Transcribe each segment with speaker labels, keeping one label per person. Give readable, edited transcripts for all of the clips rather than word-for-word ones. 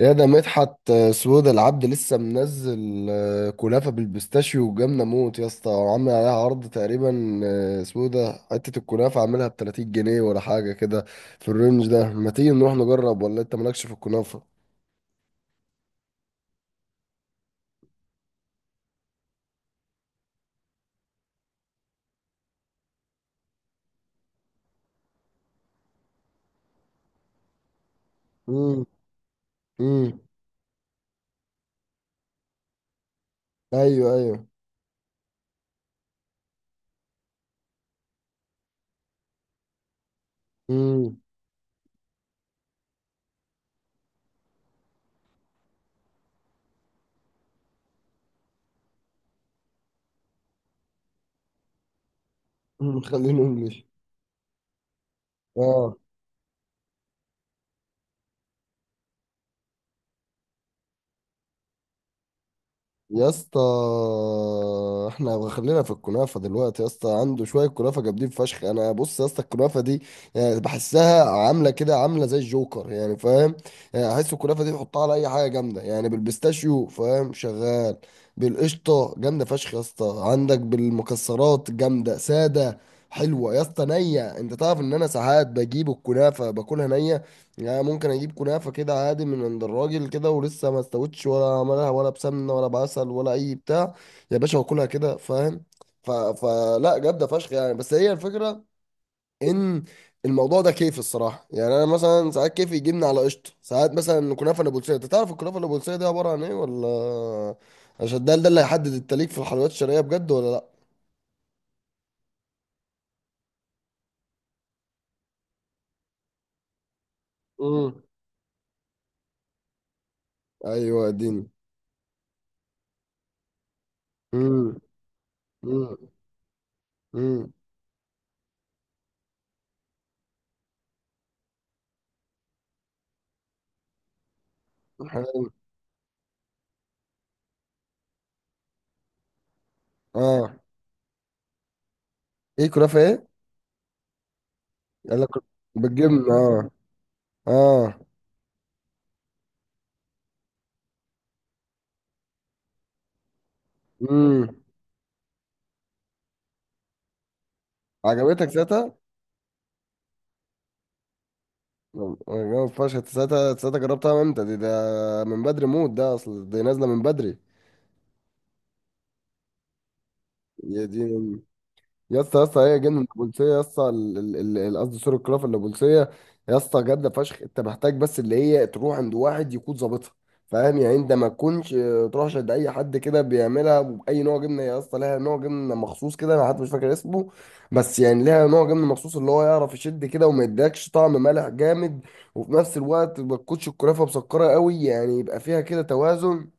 Speaker 1: يا ده مدحت سويد العبد لسه منزل كنافة بالبيستاشيو وجبنة موت يا اسطى، وعامل عليها عرض تقريبا. اسمه إيه ده؟ حتة الكنافة عاملها ب 30 جنيه ولا حاجة كده في الرينج ده. ما تيجي نروح نجرب؟ ولا انت مالكش في الكنافة؟ امم. امم. ايوه، ايوه. امم. خلينا انجلش. اه، يا اسطى احنا خلينا في الكنافه دلوقتي. يا اسطى عنده شويه كنافه جامدين فشخ. انا بص يا اسطى الكنافه دي يعني بحسها عامله كده، عامله زي الجوكر يعني، فاهم؟ يعني احس الكنافه دي تحطها على اي حاجه جامده، يعني بالبيستاشيو فاهم شغال، بالقشطه جامده فشخ يا اسطى، عندك بالمكسرات جامده ساده حلوه يا اسطى نيه. انت تعرف ان انا ساعات بجيب الكنافه باكلها نيه؟ يعني ممكن اجيب كنافه كده عادي من عند الراجل كده ولسه ما استوتش ولا عملها ولا بسمنه ولا بعسل ولا اي بتاع يا باشا، واكلها كده، فاهم؟ فلا جامده فشخ يعني. بس هي الفكره ان الموضوع ده كيف الصراحه. يعني انا مثلا ساعات كيف يجيبني على قشطه، ساعات مثلا كنافه نابلسيه. انت تعرف الكنافه النابلسيه دي عباره عن ايه، ولا عشان ده اللي هيحدد التليك في الحلويات الشرقيه بجد، ولا لا؟ امم. ايوه اديني. امم. امم. امم. حلو. اه. ايه كنافه ايه؟ انا كنت بتجيبنا اه. اه. امم. عجبتك ساعتها؟ جامد فشخ. أنت ساعتها جربتها امتى دي؟ ده من بدري موت، ده اصل دي نازله من بدري. يا دي. يا اسطى يا اسطى هي جنة البوليسية يا اسطى، قصدي سور الكراف البوليسية. يا اسطى جامدة فشخ. انت محتاج بس اللي هي تروح عند واحد يكون ظابطها، فاهم؟ يعني انت ما تكونش تروحش عند اي حد كده بيعملها باي نوع جبنه. يا اسطى لها نوع جبنه مخصوص كده، انا حتى مش فاكر اسمه، بس يعني لها نوع جبنه مخصوص اللي هو يعرف يشد كده وما يديكش طعم مالح جامد، وفي نفس الوقت ما تكونش الكرافه مسكره قوي. يعني يبقى فيها كده توازن،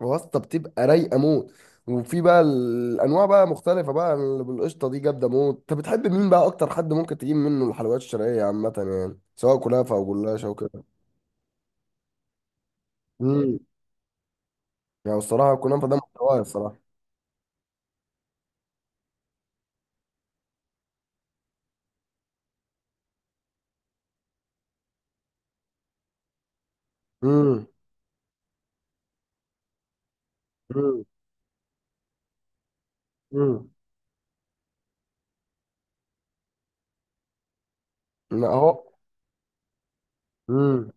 Speaker 1: واسطة بتبقى رايقة موت. وفي بقى الأنواع بقى مختلفة بقى، اللي بالقشطة دي جامدة موت. أنت بتحب مين بقى أكتر؟ حد ممكن تجيب منه الحلويات الشرقية عامة، يعني سواء كنافة أو جلاش أو كده؟ امم. يعني الصراحة الكنافة ده محتواي الصراحة. امم. امم. امم. لا هو. مم.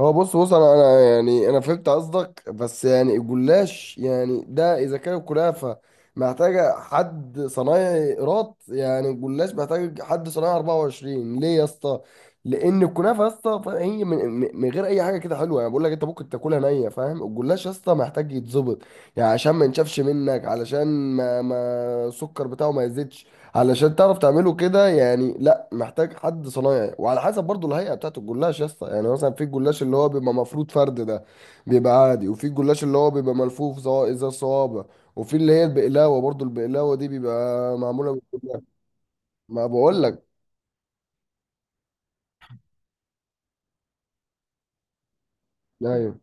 Speaker 1: هو بص بص، انا يعني انا فهمت قصدك. بس يعني الجلاش يعني ده اذا كان الكنافه محتاجه حد صنايعي قراط، يعني الجلاش محتاج حد صنايعي 24، ليه يا اسطى؟ لان الكنافه يا اسطى هي من غير اي حاجه كده حلوه. يعني بقول لك انت ممكن تاكلها نيه، فاهم؟ الجلاش يا اسطى محتاج يتظبط، يعني عشان ما ينشفش منك، علشان ما السكر بتاعه ما يزيدش، علشان تعرف تعمله كده. يعني لا محتاج حد صنايعي، وعلى حسب برضو الهيئه بتاعت الجلاش يا اسطى. يعني مثلا في الجلاش اللي هو بيبقى مفروض فرد ده بيبقى عادي، وفي الجلاش اللي هو بيبقى ملفوف زي الصوابع، وفي اللي هي البقلاوه برضو. البقلاوه دي بيبقى معموله بالجلاش ما بقول لك. ايوه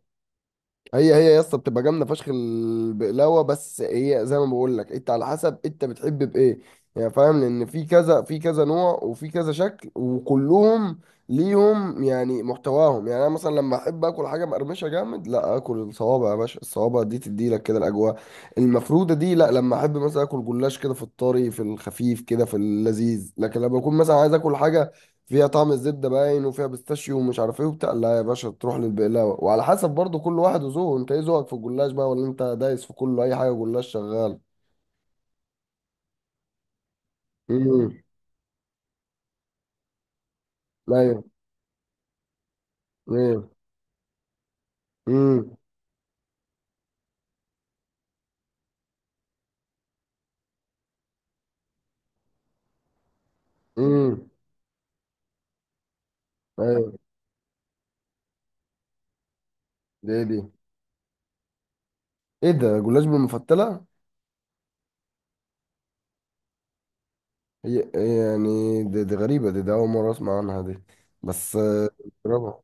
Speaker 1: هي هي يا اسطى بتبقى جامده فشخ البقلاوه، بس هي زي ما بقول لك انت على حسب انت بتحب بايه. يعني فاهم، لان في كذا، في كذا نوع وفي كذا شكل، وكلهم ليهم يعني محتواهم. يعني انا مثلا لما احب اكل حاجه مقرمشه جامد، لا اكل الصوابع يا باشا. الصوابع دي تدي لك كده الاجواء المفروده دي. لا لما احب مثلا اكل جلاش كده، في الطري في الخفيف كده في اللذيذ. لكن لما اكون مثلا عايز اكل حاجه فيها طعم الزبده باين وفيها بيستاشيو ومش عارف ايه وبتاع، لا يا باشا تروح للبقلاوه. وعلى حسب برضو كل واحد وذوقه. انت ايه ذوقك في الجلاش بقى، ولا انت دايس في كله اي حاجه جلاش شغال؟ امم. ايوه ايوه. امم. امم. ايوه. دي دي. ايه ده جلاش بالمفتله؟ هي يعني دي غريبه دي، ده اول مره اسمع عنها دي بس. جربها.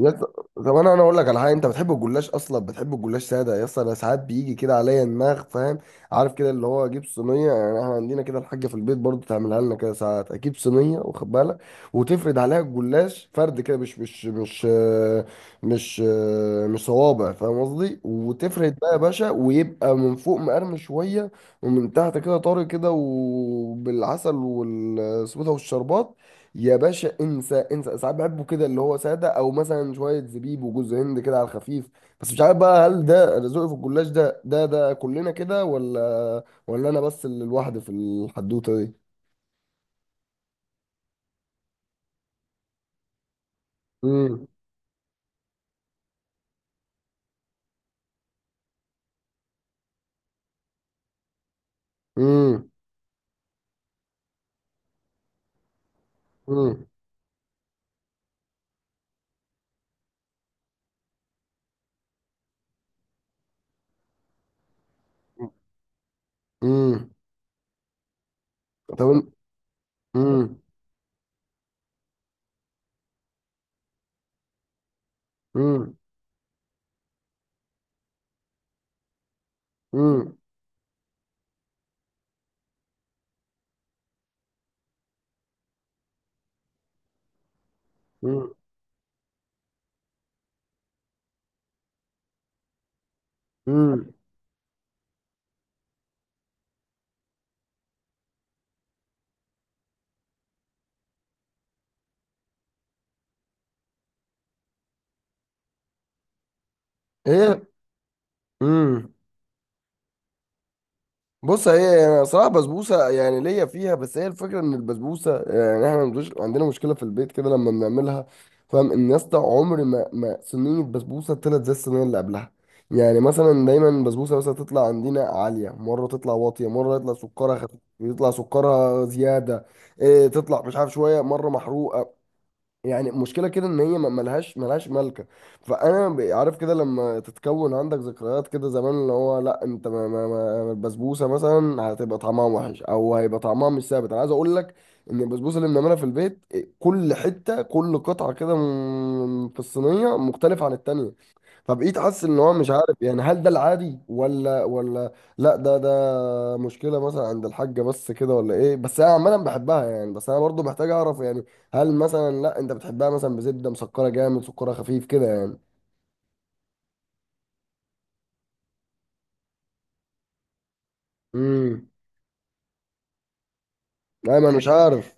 Speaker 1: يس... طب انا اقول لك على حاجه. انت بتحب الجلاش اصلا؟ بتحب الجلاش ساده يا اسطى؟ انا ساعات بيجي كده عليا دماغ، فاهم؟ عارف كده اللي هو اجيب صينيه. يعني احنا عندنا كده الحاجه في البيت برضو تعملها لنا كده. ساعات اجيب صينيه، واخد بالك، وتفرد عليها الجلاش فرد كده، مش صوابع فاهم قصدي. وتفرد بقى يا باشا، ويبقى من فوق مقرمش شويه، ومن تحت كده طري كده، وبالعسل والسبوته والشربات يا باشا انسى انسى. ساعات بحبه كده اللي هو ساده، او مثلا شويه زبيب وجوز هند كده على الخفيف. بس مش عارف بقى هل ده ذوقي في الجلاش، ده كلنا كده، ولا ولا انا بس اللي لوحدي في الحدوته دي؟ امم. امم. امم. امم. طب. امم. امم. امم. امم. ايه. امم. بص هي يعني صراحة بسبوسة يعني ليا فيها. بس هي الفكرة ان البسبوسة، يعني احنا مش عندنا مشكلة في البيت كده لما بنعملها، فاهم؟ ان يا اسطى عمر ما صينية بسبوسة طلعت زي الصينية اللي قبلها. يعني مثلا دايما البسبوسة مثلا تطلع عندنا عالية مرة، تطلع واطية مرة، يطلع سكرها خفيف، يطلع سكرها زيادة. إيه تطلع مش عارف شوية، مرة محروقة. يعني مشكلة كده ان هي ملهاش، ملهاش ملكة. فانا عارف كده لما تتكون عندك ذكريات كده زمان اللي هو لا انت ما ما ما البسبوسة مثلا هتبقى طعمها وحش، او هيبقى طعمها مش ثابت. انا عايز اقول لك ان البسبوسة اللي بنعملها في البيت كل حتة، كل قطعة كده في الصينية مختلفة عن التانية. فبقيت حاسس ان هو مش عارف، يعني هل ده العادي، ولا ولا لا ده ده مشكله مثلا عند الحاجه بس كده، ولا ايه؟ بس انا عامه بحبها يعني. بس انا برضو محتاج اعرف. يعني هل مثلا لا انت بتحبها مثلا بزبده مسكره جامد، سكرها خفيف كده يعني؟ امم. ايوه انا مش عارف.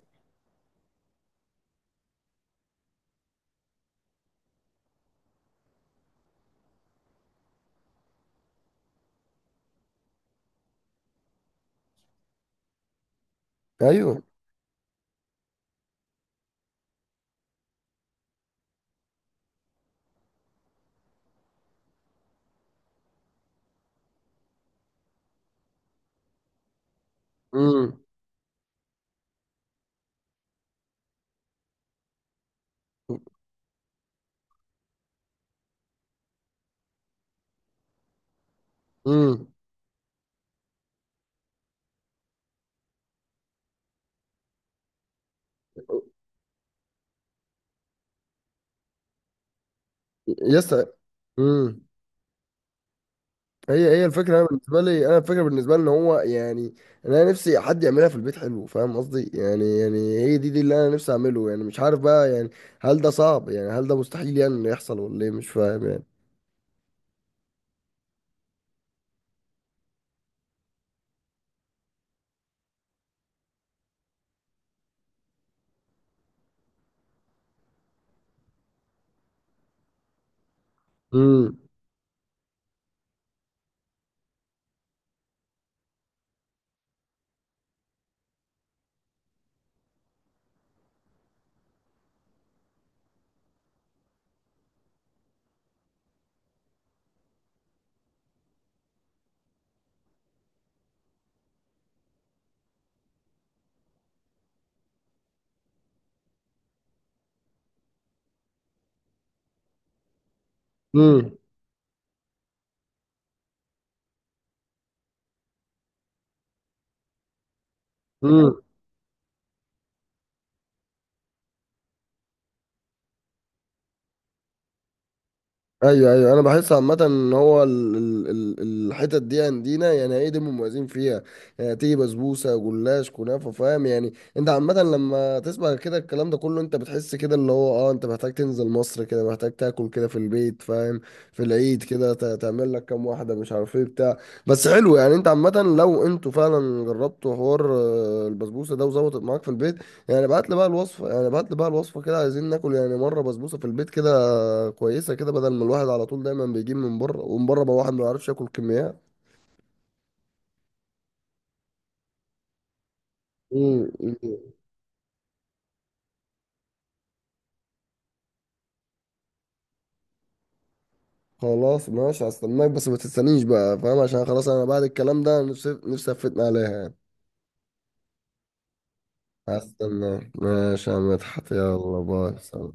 Speaker 1: ايوه. امم. امم. يس. امم. هي هي الفكره. انا بالنسبه لي، انا الفكره بالنسبه لي ان هو يعني انا نفسي حد يعملها في البيت حلو، فاهم قصدي؟ يعني يعني هي دي اللي انا نفسي اعمله. يعني مش عارف بقى، يعني هل ده صعب؟ يعني هل ده مستحيل يعني إنه يحصل ولا ايه؟ مش فاهم يعني. امم. امم. ايوه ايوه. انا بحس عامه ان هو الحتت دي عندنا، يعني ايه، دي مميزين فيها. يعني تيجي بسبوسه جلاش كنافه، فاهم؟ يعني انت عامه لما تسمع كده الكلام ده كله انت بتحس كده اللي هو اه انت محتاج تنزل مصر كده، محتاج تاكل كده في البيت، فاهم؟ في العيد كده تعمل لك كام واحده، مش عارف ايه بتاع. بس حلو يعني. انت عامه لو انتوا فعلا جربتوا حوار البسبوسه ده وظبطت معاك في البيت، يعني ابعت لي بقى الوصفه، يعني ابعت لي بقى الوصفه كده. عايزين ناكل يعني مره بسبوسه في البيت كده كويسه كده، بدل ما الواحد على طول دايما بيجيب من بره، ومن بره بقى واحد ما يعرفش ياكل كميات. امم. خلاص ماشي هستناك، بس ما تستنيش بقى فاهم، عشان خلاص انا بعد الكلام ده نفسي، نفسي افتنا عليها يعني. هستناك ماشي يا مدحت، يلا باي سلام.